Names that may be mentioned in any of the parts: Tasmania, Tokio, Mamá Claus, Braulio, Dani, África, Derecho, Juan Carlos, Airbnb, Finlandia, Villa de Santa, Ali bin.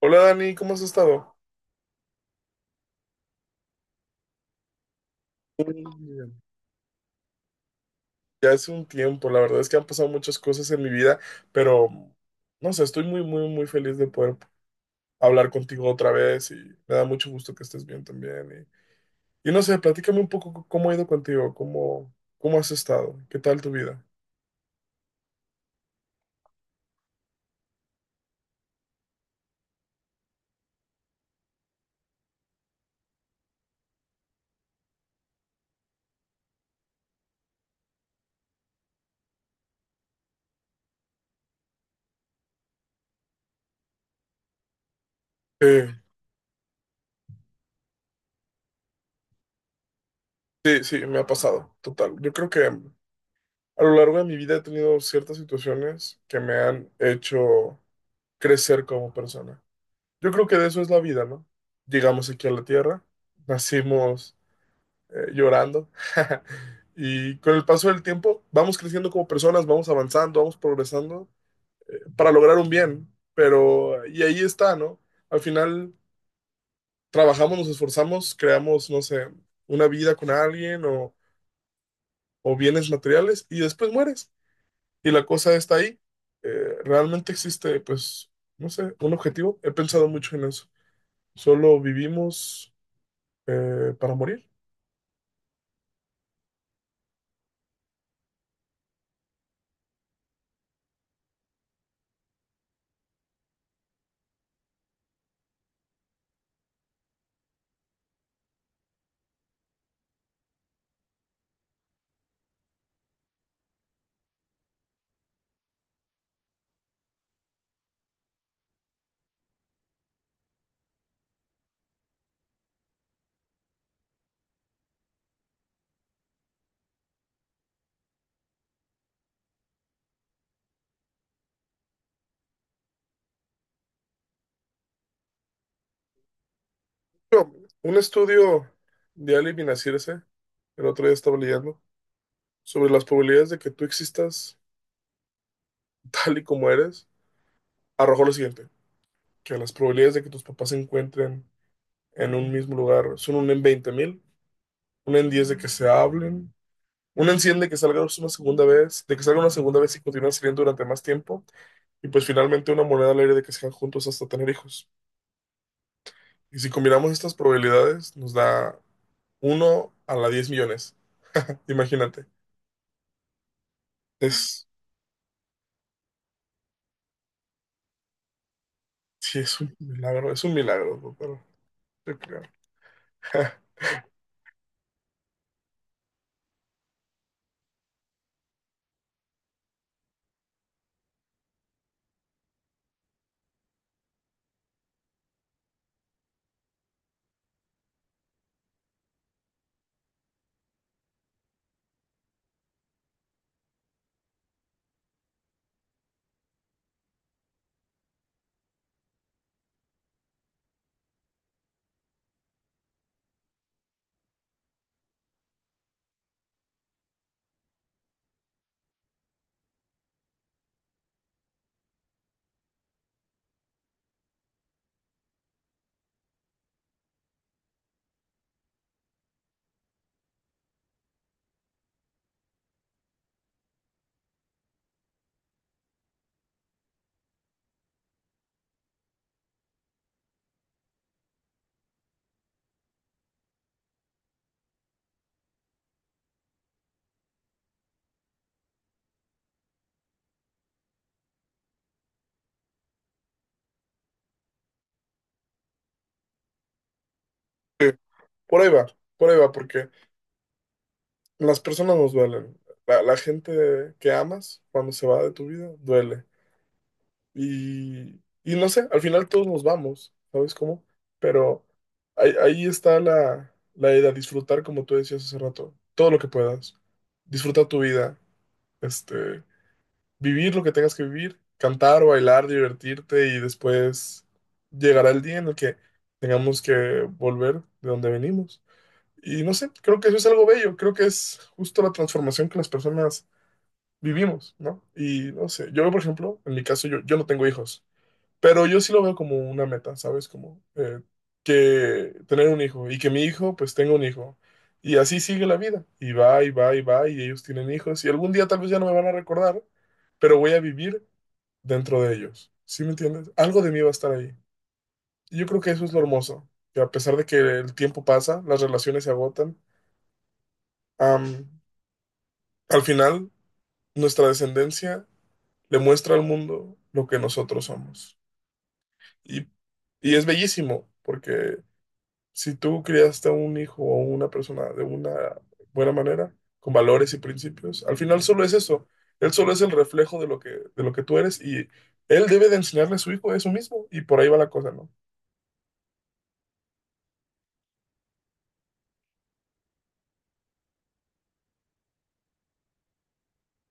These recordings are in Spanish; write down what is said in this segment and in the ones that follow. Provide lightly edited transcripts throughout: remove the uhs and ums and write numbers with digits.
Hola Dani, ¿cómo has estado? Mm, ya hace un tiempo, la verdad es que han pasado muchas cosas en mi vida, pero no sé, estoy muy, muy, muy feliz de poder hablar contigo otra vez y me da mucho gusto que estés bien también. Y no sé, platícame un poco cómo ha ido contigo, cómo has estado, qué tal tu vida. Eh, sí, sí, me ha pasado, total. Yo creo que a lo largo de mi vida he tenido ciertas situaciones que me han hecho crecer como persona. Yo creo que de eso es la vida, ¿no? Llegamos aquí a la Tierra, nacimos llorando y con el paso del tiempo vamos creciendo como personas, vamos avanzando, vamos progresando para lograr un bien, pero y ahí está, ¿no? Al final trabajamos, nos esforzamos, creamos, no sé, una vida con alguien o bienes materiales y después mueres y la cosa está ahí. Realmente existe, pues, no sé, un objetivo. He pensado mucho en eso. Solo vivimos para morir. Un estudio de Ali bin el otro día estaba leyendo, sobre las probabilidades de que tú existas tal y como eres, arrojó lo siguiente, que las probabilidades de que tus papás se encuentren en un mismo lugar son una en 20.000, una en 10 de que se hablen, una en 100 de que salgan una segunda vez, de que salgan una segunda vez y continúen saliendo durante más tiempo, y pues finalmente una moneda al aire de que sean juntos hasta tener hijos. Y si combinamos estas probabilidades, nos da uno a la 10 millones. Imagínate. Es, sí, es un milagro, doctor. Yo creo. Por ahí va, por ahí va, porque las personas nos duelen. La gente que amas, cuando se va de tu vida, duele. Y no sé, al final todos nos vamos, ¿sabes cómo? Pero ahí está la idea, disfrutar, como tú decías hace rato, todo lo que puedas. Disfruta tu vida, este, vivir lo que tengas que vivir, cantar, bailar, divertirte y después llegará el día en el que tengamos que volver de donde venimos. Y no sé, creo que eso es algo bello, creo que es justo la transformación que las personas vivimos, ¿no? Y no sé, yo por ejemplo, en mi caso yo no tengo hijos, pero yo sí lo veo como una meta, ¿sabes? Como que tener un hijo y que mi hijo pues tenga un hijo. Y así sigue la vida, y va, y va, y va, y ellos tienen hijos, y algún día tal vez ya no me van a recordar, pero voy a vivir dentro de ellos. ¿Sí me entiendes? Algo de mí va a estar ahí. Y yo creo que eso es lo hermoso, que a pesar de que el tiempo pasa, las relaciones se agotan, am, al final nuestra descendencia le muestra al mundo lo que nosotros somos. Y, y es bellísimo, porque si tú criaste a un hijo o una persona de una buena manera, con valores y principios, al final solo es eso. Él solo es el reflejo de lo que tú eres y él debe de enseñarle a su hijo eso mismo y por ahí va la cosa, ¿no?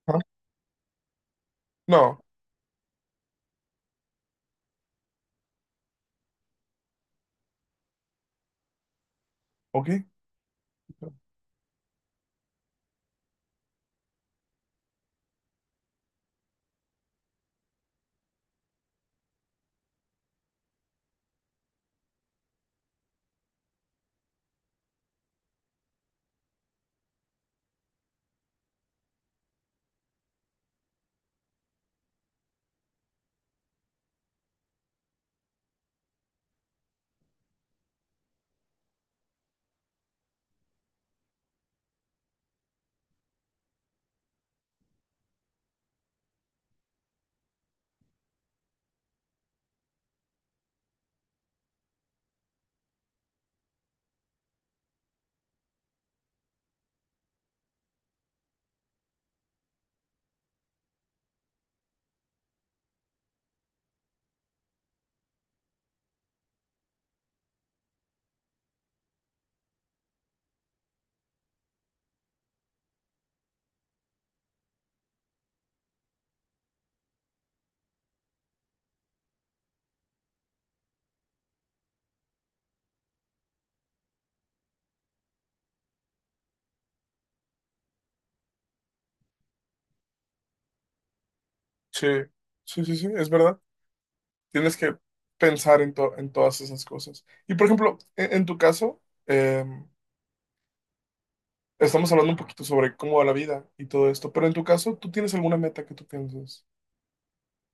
Ajá. No, ok, sí, sí, sí, sí, es verdad. Tienes que pensar en todas esas cosas. Y por ejemplo, en tu caso, eh, estamos hablando un poquito sobre cómo va la vida y todo esto, pero en tu caso, ¿tú tienes alguna meta que tú pienses?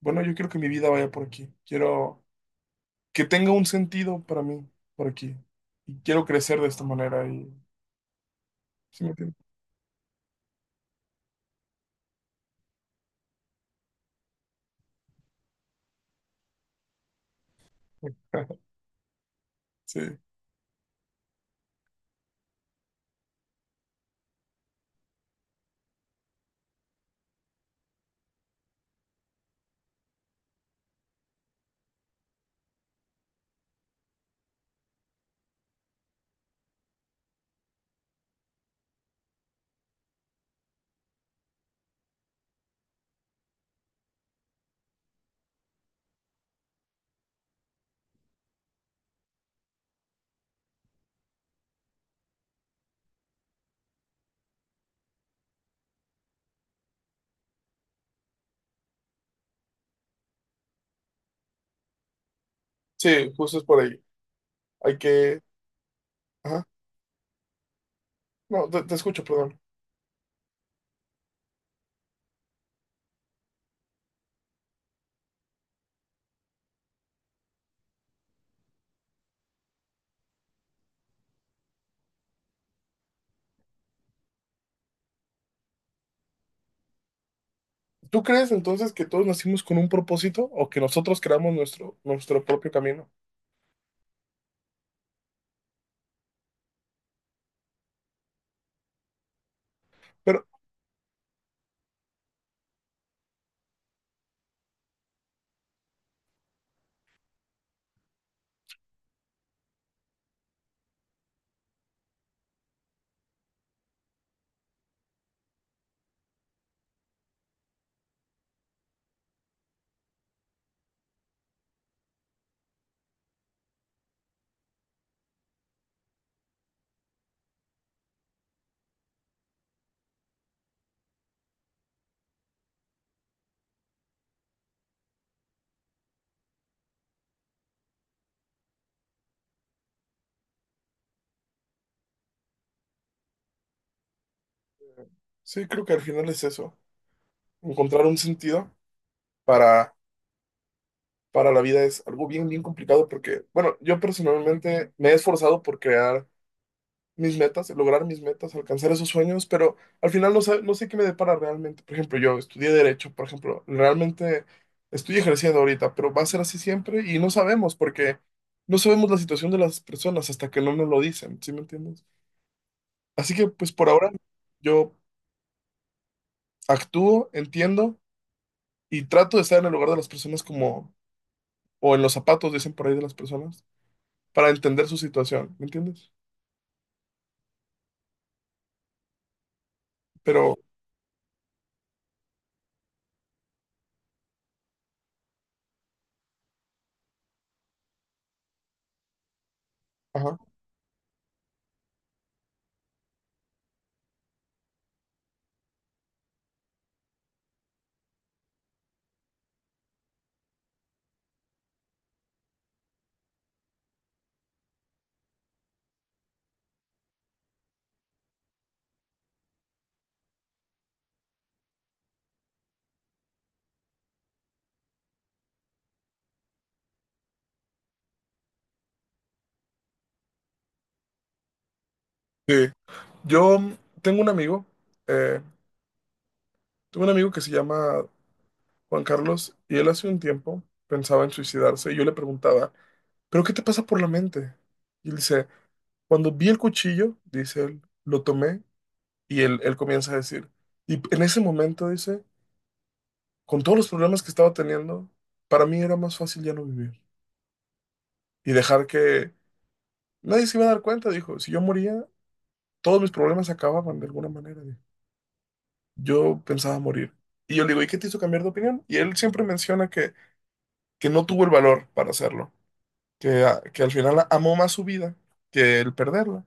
Bueno, yo quiero que mi vida vaya por aquí. Quiero que tenga un sentido para mí por aquí. Y quiero crecer de esta manera. Y... ¿Sí me entiendes? Sí, sí, justo es por ahí. Hay que... Ajá. No, te escucho, perdón. ¿Tú crees entonces que todos nacimos con un propósito o que nosotros creamos nuestro, nuestro propio camino? Pero sí, creo que al final es eso. Encontrar un sentido para, para la vida es algo bien, bien complicado porque, bueno, yo personalmente me he esforzado por crear mis metas, lograr mis metas, alcanzar esos sueños, pero al final no sé, no sé qué me depara realmente. Por ejemplo, yo estudié Derecho, por ejemplo, realmente estoy ejerciendo ahorita, pero va a ser así siempre y no sabemos porque no sabemos la situación de las personas hasta que no nos lo dicen, ¿sí me entiendes? Así que pues por ahora yo actúo, entiendo y trato de estar en el lugar de las personas como, o en los zapatos, dicen por ahí de las personas, para entender su situación, ¿me entiendes? Pero, ajá. Sí. Yo tengo un amigo, eh, tengo un amigo que se llama Juan Carlos y él hace un tiempo pensaba en suicidarse y yo le preguntaba, ¿pero qué te pasa por la mente? Y él dice, cuando vi el cuchillo, dice él, lo tomé y él comienza a decir, y en ese momento dice, con todos los problemas que estaba teniendo, para mí era más fácil ya no vivir y dejar que nadie se iba a dar cuenta, dijo. Si yo moría, todos mis problemas se acababan de alguna manera. Dijo. Yo pensaba morir. Y yo le digo, ¿y qué te hizo cambiar de opinión? Y él siempre menciona que no tuvo el valor para hacerlo, que, que al final amó más su vida que el perderla.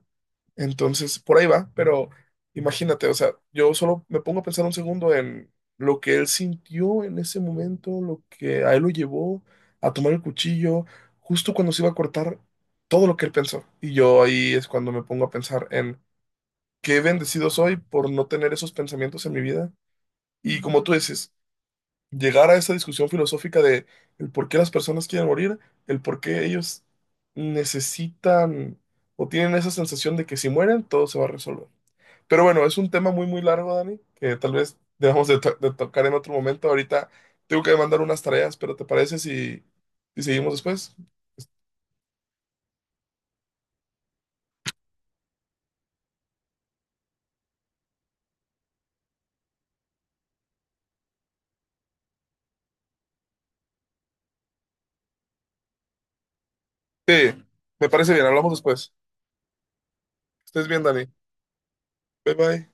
Entonces, por ahí va, pero imagínate, o sea, yo solo me pongo a pensar un segundo en lo que él sintió en ese momento, lo que a él lo llevó a tomar el cuchillo, justo cuando se iba a cortar, todo lo que él pensó. Y yo ahí es cuando me pongo a pensar en qué bendecido soy por no tener esos pensamientos en mi vida. Y como tú dices, llegar a esa discusión filosófica de el por qué las personas quieren morir, el por qué ellos necesitan o tienen esa sensación de que si mueren, todo se va a resolver. Pero bueno, es un tema muy, muy largo, Dani, que tal vez dejamos de tocar en otro momento. Ahorita tengo que mandar unas tareas, pero ¿te parece si, si seguimos después? Sí, me parece bien, hablamos después. Que estés bien, Dani. Bye bye.